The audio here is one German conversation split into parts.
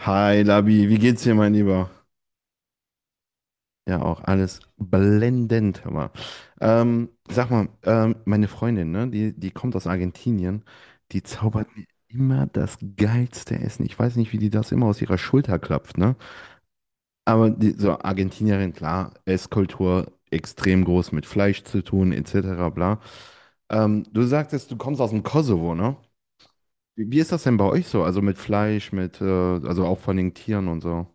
Hi Labi, wie geht's dir, mein Lieber? Ja, auch alles blendend, hör mal. Sag mal, meine Freundin, ne, die kommt aus Argentinien, die zaubert mir immer das geilste Essen. Ich weiß nicht, wie die das immer aus ihrer Schulter klopft, ne? Aber die, so Argentinierin, klar, Esskultur extrem groß mit Fleisch zu tun, etc. bla. Du sagtest, du kommst aus dem Kosovo, ne? Wie ist das denn bei euch so? Also mit Fleisch, mit, also auch von den Tieren und so.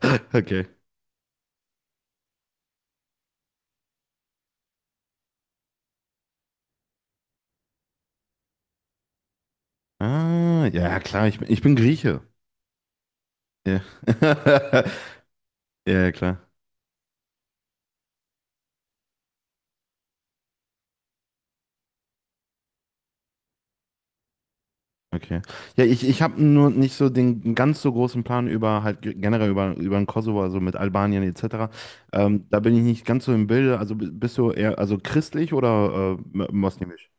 Okay. Ah, ja, klar, ich bin Grieche. Ja. Ja, klar. Okay. Ja, ich habe nur nicht so den ganz so großen Plan über halt generell über den Kosovo, also mit Albanien etc. Da bin ich nicht ganz so im Bilde. Also bist du eher also christlich oder moslemisch?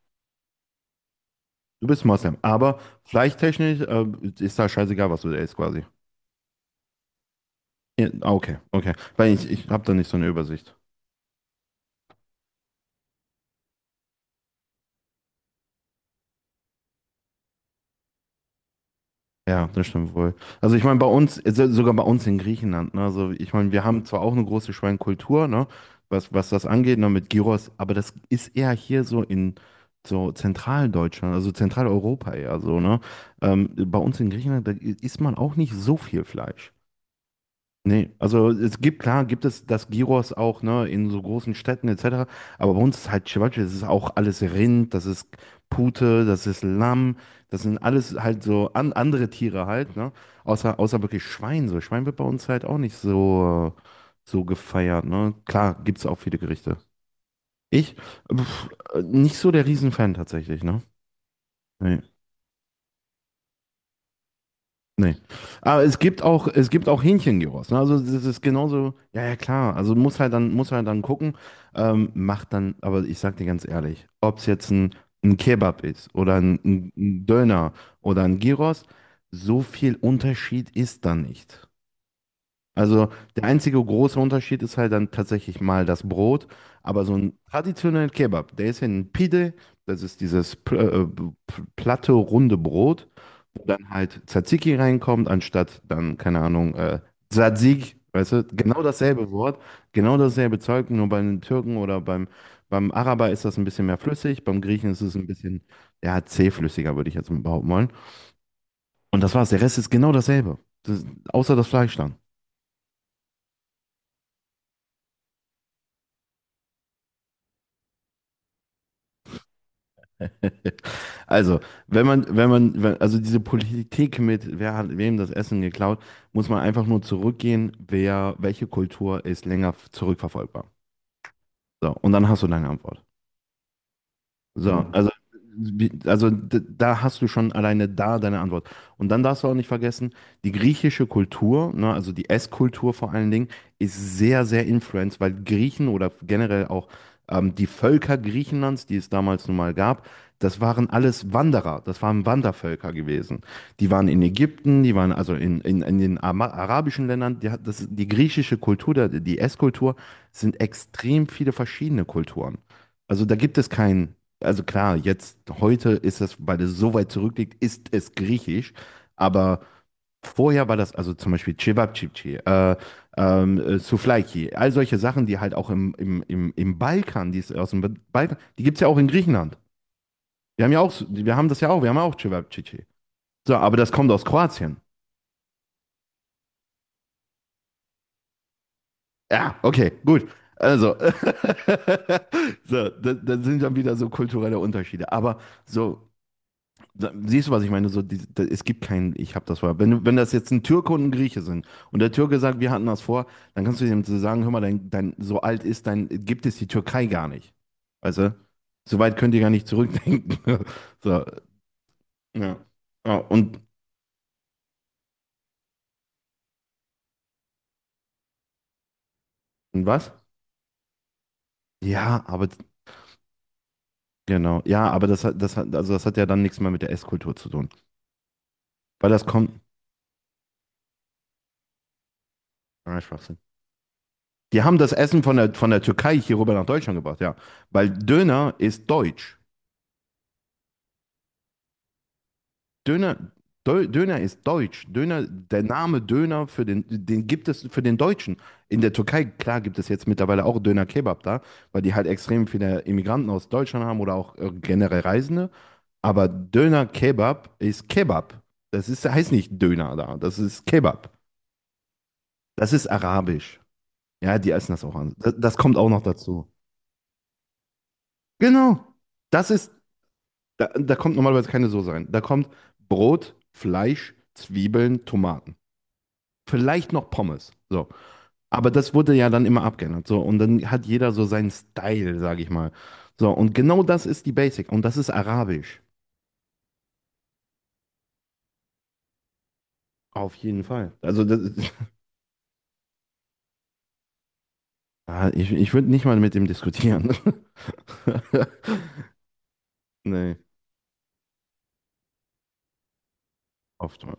Du bist Moslem, aber fleischttechnisch ist da scheißegal, was du isst quasi. Ja, ah, okay, okay. Weil ich habe da nicht so eine Übersicht. Ja, das stimmt wohl. Also ich meine, bei uns, sogar bei uns in Griechenland, ne? Also ich meine, wir haben zwar auch eine große Schweinekultur, ne? Was das angeht, ne, mit Gyros, aber das ist eher hier so in so Zentraldeutschland, also Zentraleuropa eher so, ne? Bei uns in Griechenland, da isst man auch nicht so viel Fleisch. Nee, also es gibt, klar, gibt es das Gyros auch, ne, in so großen Städten etc. Aber bei uns ist halt Ceviche, das ist auch alles Rind, das ist Pute, das ist Lamm, das sind alles halt so andere Tiere halt, ne? Außer wirklich Schwein. So, Schwein wird bei uns halt auch nicht so gefeiert, ne? Klar, gibt es auch viele Gerichte. Ich, pf, nicht so der Riesenfan tatsächlich, ne? Nee. Nee. Aber es gibt auch Hähnchengyros. Ne? Also das ist genauso, ja, ja, klar. Also muss halt dann gucken, macht dann, aber ich sag dir ganz ehrlich, ob es jetzt ein Kebab ist oder ein Döner oder ein Gyros, so viel Unterschied ist da nicht. Also der einzige große Unterschied ist halt dann tatsächlich mal das Brot, aber so ein traditioneller Kebab, der ist ja ein Pide, das ist dieses platte, runde Brot, wo dann halt Tzatziki reinkommt, anstatt dann, keine Ahnung, Tzatziki, weißt du, genau dasselbe Wort, genau dasselbe Zeug, nur bei den Türken oder beim Araber ist das ein bisschen mehr flüssig, beim Griechen ist es ein bisschen, ja, zähflüssiger, würde ich jetzt mal behaupten wollen. Und das war's, der Rest ist genau dasselbe, das, außer das Fleisch dann. Also, wenn man, wenn man, wenn, also diese Politik mit, wer hat wem das Essen geklaut, muss man einfach nur zurückgehen, wer, welche Kultur ist länger zurückverfolgbar. So, und dann hast du deine Antwort. So. Mhm. Also, also da hast du schon alleine da deine Antwort. Und dann darfst du auch nicht vergessen, die griechische Kultur, ne, also die Esskultur vor allen Dingen, ist sehr, sehr influenced, weil Griechen oder generell auch die Völker Griechenlands, die es damals nun mal gab, das waren alles Wanderer, das waren Wandervölker gewesen. Die waren in Ägypten, die waren also in den arabischen Ländern. Die griechische Kultur, die Esskultur, sind extrem viele verschiedene Kulturen. Also da gibt es keinen. Also klar, jetzt heute ist das, weil es so weit zurückliegt, ist es griechisch, aber vorher war das, also zum Beispiel Cevapcici, Souvlaki, all solche Sachen, die halt auch im Balkan, die ist aus dem Balkan, die gibt es ja auch in Griechenland. Wir haben ja auch, wir haben das ja auch, wir haben ja auch Cevapcici. So, aber das kommt aus Kroatien. Ja, okay, gut. Also, so, das sind dann wieder so kulturelle Unterschiede. Aber so, siehst du, was ich meine? So, die, da, es gibt keinen, ich habe das vorher. Wenn das jetzt ein Türke und ein Grieche sind und der Türke sagt, wir hatten das vor, dann kannst du dem so sagen, hör mal, dein, dein, so alt ist dein, gibt es die Türkei gar nicht. Weißt du? So weit könnt ihr gar nicht zurückdenken. So, ja. Ja, und was? Ja, aber genau. Ja, aber also das hat ja dann nichts mehr mit der Esskultur zu tun. Weil das kommt. Ah, Schwachsinn. Die haben das Essen von der Türkei hier rüber nach Deutschland gebracht, ja. Weil Döner ist deutsch. Döner, Döner ist deutsch. Döner, der Name Döner den gibt es für den Deutschen. In der Türkei, klar, gibt es jetzt mittlerweile auch Döner Kebab da, weil die halt extrem viele Immigranten aus Deutschland haben oder auch generell Reisende. Aber Döner Kebab ist Kebab. Heißt nicht Döner da, das ist Kebab. Das ist arabisch. Ja, die essen das auch an. Das kommt auch noch dazu. Genau. Das ist, da kommt normalerweise keine Soße rein. Da kommt Brot, Fleisch, Zwiebeln, Tomaten, vielleicht noch Pommes. So. Aber das wurde ja dann immer abgeändert. So. Und dann hat jeder so seinen Style, sage ich mal. So. Und genau das ist die Basic. Und das ist Arabisch. Auf jeden Fall. Also, das. Ich würde nicht mal mit ihm diskutieren. Nee, oft mal.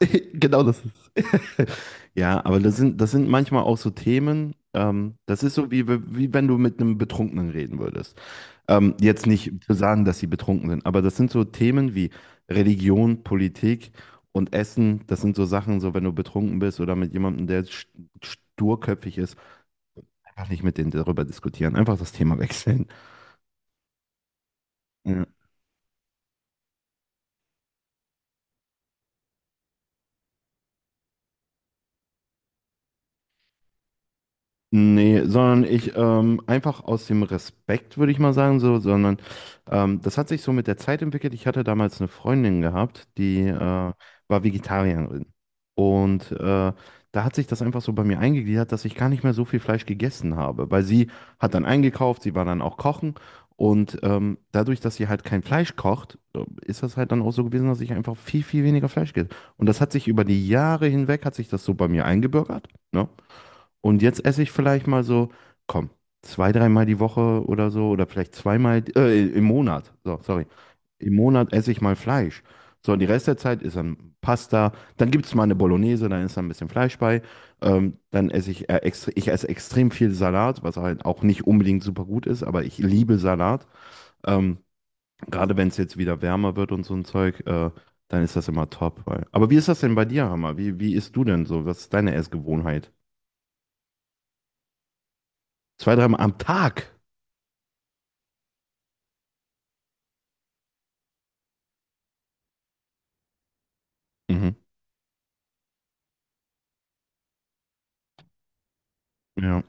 Genau das ist. Ja, aber das sind manchmal auch so Themen. Das ist so, wie wenn du mit einem Betrunkenen reden würdest. Jetzt nicht zu sagen, dass sie betrunken sind, aber das sind so Themen wie Religion, Politik und Essen. Das sind so Sachen, so wenn du betrunken bist oder mit jemandem, der sturköpfig ist, einfach nicht mit denen darüber diskutieren, einfach das Thema wechseln. Ja. Nee, sondern ich einfach aus dem Respekt, würde ich mal sagen, so, sondern das hat sich so mit der Zeit entwickelt. Ich hatte damals eine Freundin gehabt, die war Vegetarierin. Und da hat sich das einfach so bei mir eingegliedert, dass ich gar nicht mehr so viel Fleisch gegessen habe, weil sie hat dann eingekauft, sie war dann auch kochen. Und dadurch, dass sie halt kein Fleisch kocht, ist das halt dann auch so gewesen, dass ich einfach viel, viel weniger Fleisch gegessen. Und das hat sich über die Jahre hinweg, hat sich das so bei mir eingebürgert, ne? Und jetzt esse ich vielleicht mal so, komm, zwei, dreimal die Woche oder so, oder vielleicht zweimal, im Monat, so, sorry. Im Monat esse ich mal Fleisch. So, und die Rest der Zeit ist dann Pasta, dann gibt es mal eine Bolognese, dann ist da ein bisschen Fleisch bei. Dann esse ich, extre ich esse extrem viel Salat, was halt auch nicht unbedingt super gut ist, aber ich liebe Salat. Ähm, gerade wenn es jetzt wieder wärmer wird und so ein Zeug, dann ist das immer top. Weil. Aber wie ist das denn bei dir, Hammer? Wie isst du denn so? Was ist deine Essgewohnheit? Zwei, dreimal am Tag? Mhm. Ja,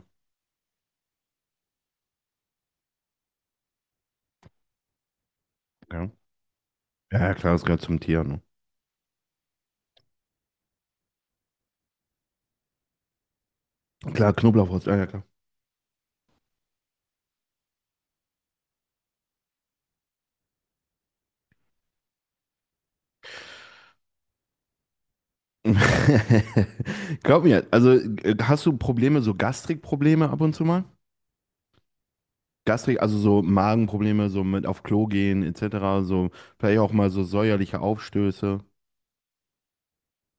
ja. Ja, klar, es gehört zum Tier, ne? Klar, Knoblauchwurst, ja, ja, klar. Glaub mir, also hast du Probleme, so Gastrikprobleme ab und zu mal? Gastrik, also so Magenprobleme, so mit auf Klo gehen, etc., so vielleicht auch mal so säuerliche Aufstöße,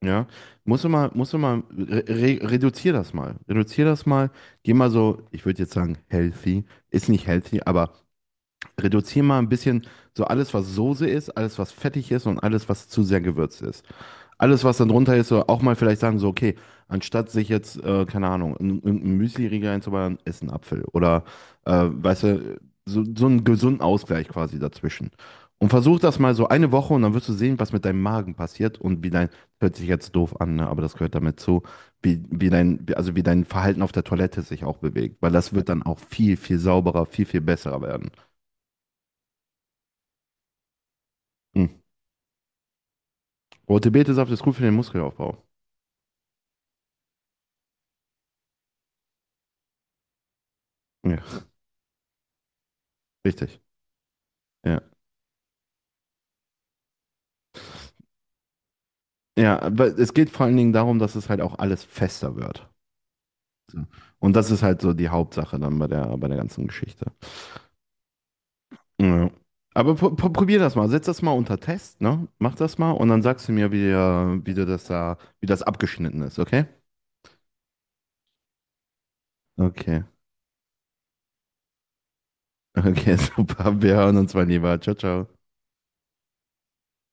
ja? Musst du mal, re re reduzier das mal. Reduzier das mal, geh mal so, ich würde jetzt sagen, healthy, ist nicht healthy, aber reduzier mal ein bisschen so alles, was Soße ist, alles, was fettig ist und alles, was zu sehr gewürzt ist. Alles, was dann drunter ist, so auch mal vielleicht sagen, so, okay, anstatt sich jetzt, keine Ahnung, einen Müsli-Riegel einzuballern, ess einen Apfel. Oder, weißt du, so, einen gesunden Ausgleich quasi dazwischen. Und versuch das mal so eine Woche und dann wirst du sehen, was mit deinem Magen passiert und wie dein, hört sich jetzt doof an, ne? Aber das gehört damit zu, wie dein Verhalten auf der Toilette sich auch bewegt. Weil das wird dann auch viel, viel sauberer, viel, viel besser werden. Hm. Rote Betesaft ist gut für den Muskelaufbau. Ja, richtig. Ja. Ja, aber es geht vor allen Dingen darum, dass es halt auch alles fester wird. So. Und das ist halt so die Hauptsache dann bei der ganzen Geschichte. Ja. Aber probier das mal, setz das mal unter Test, ne? Mach das mal und dann sagst du mir, wie du das da, wie das abgeschnitten ist, okay? Okay. Okay, super. Wir hören uns mal lieber. Ciao, ciao.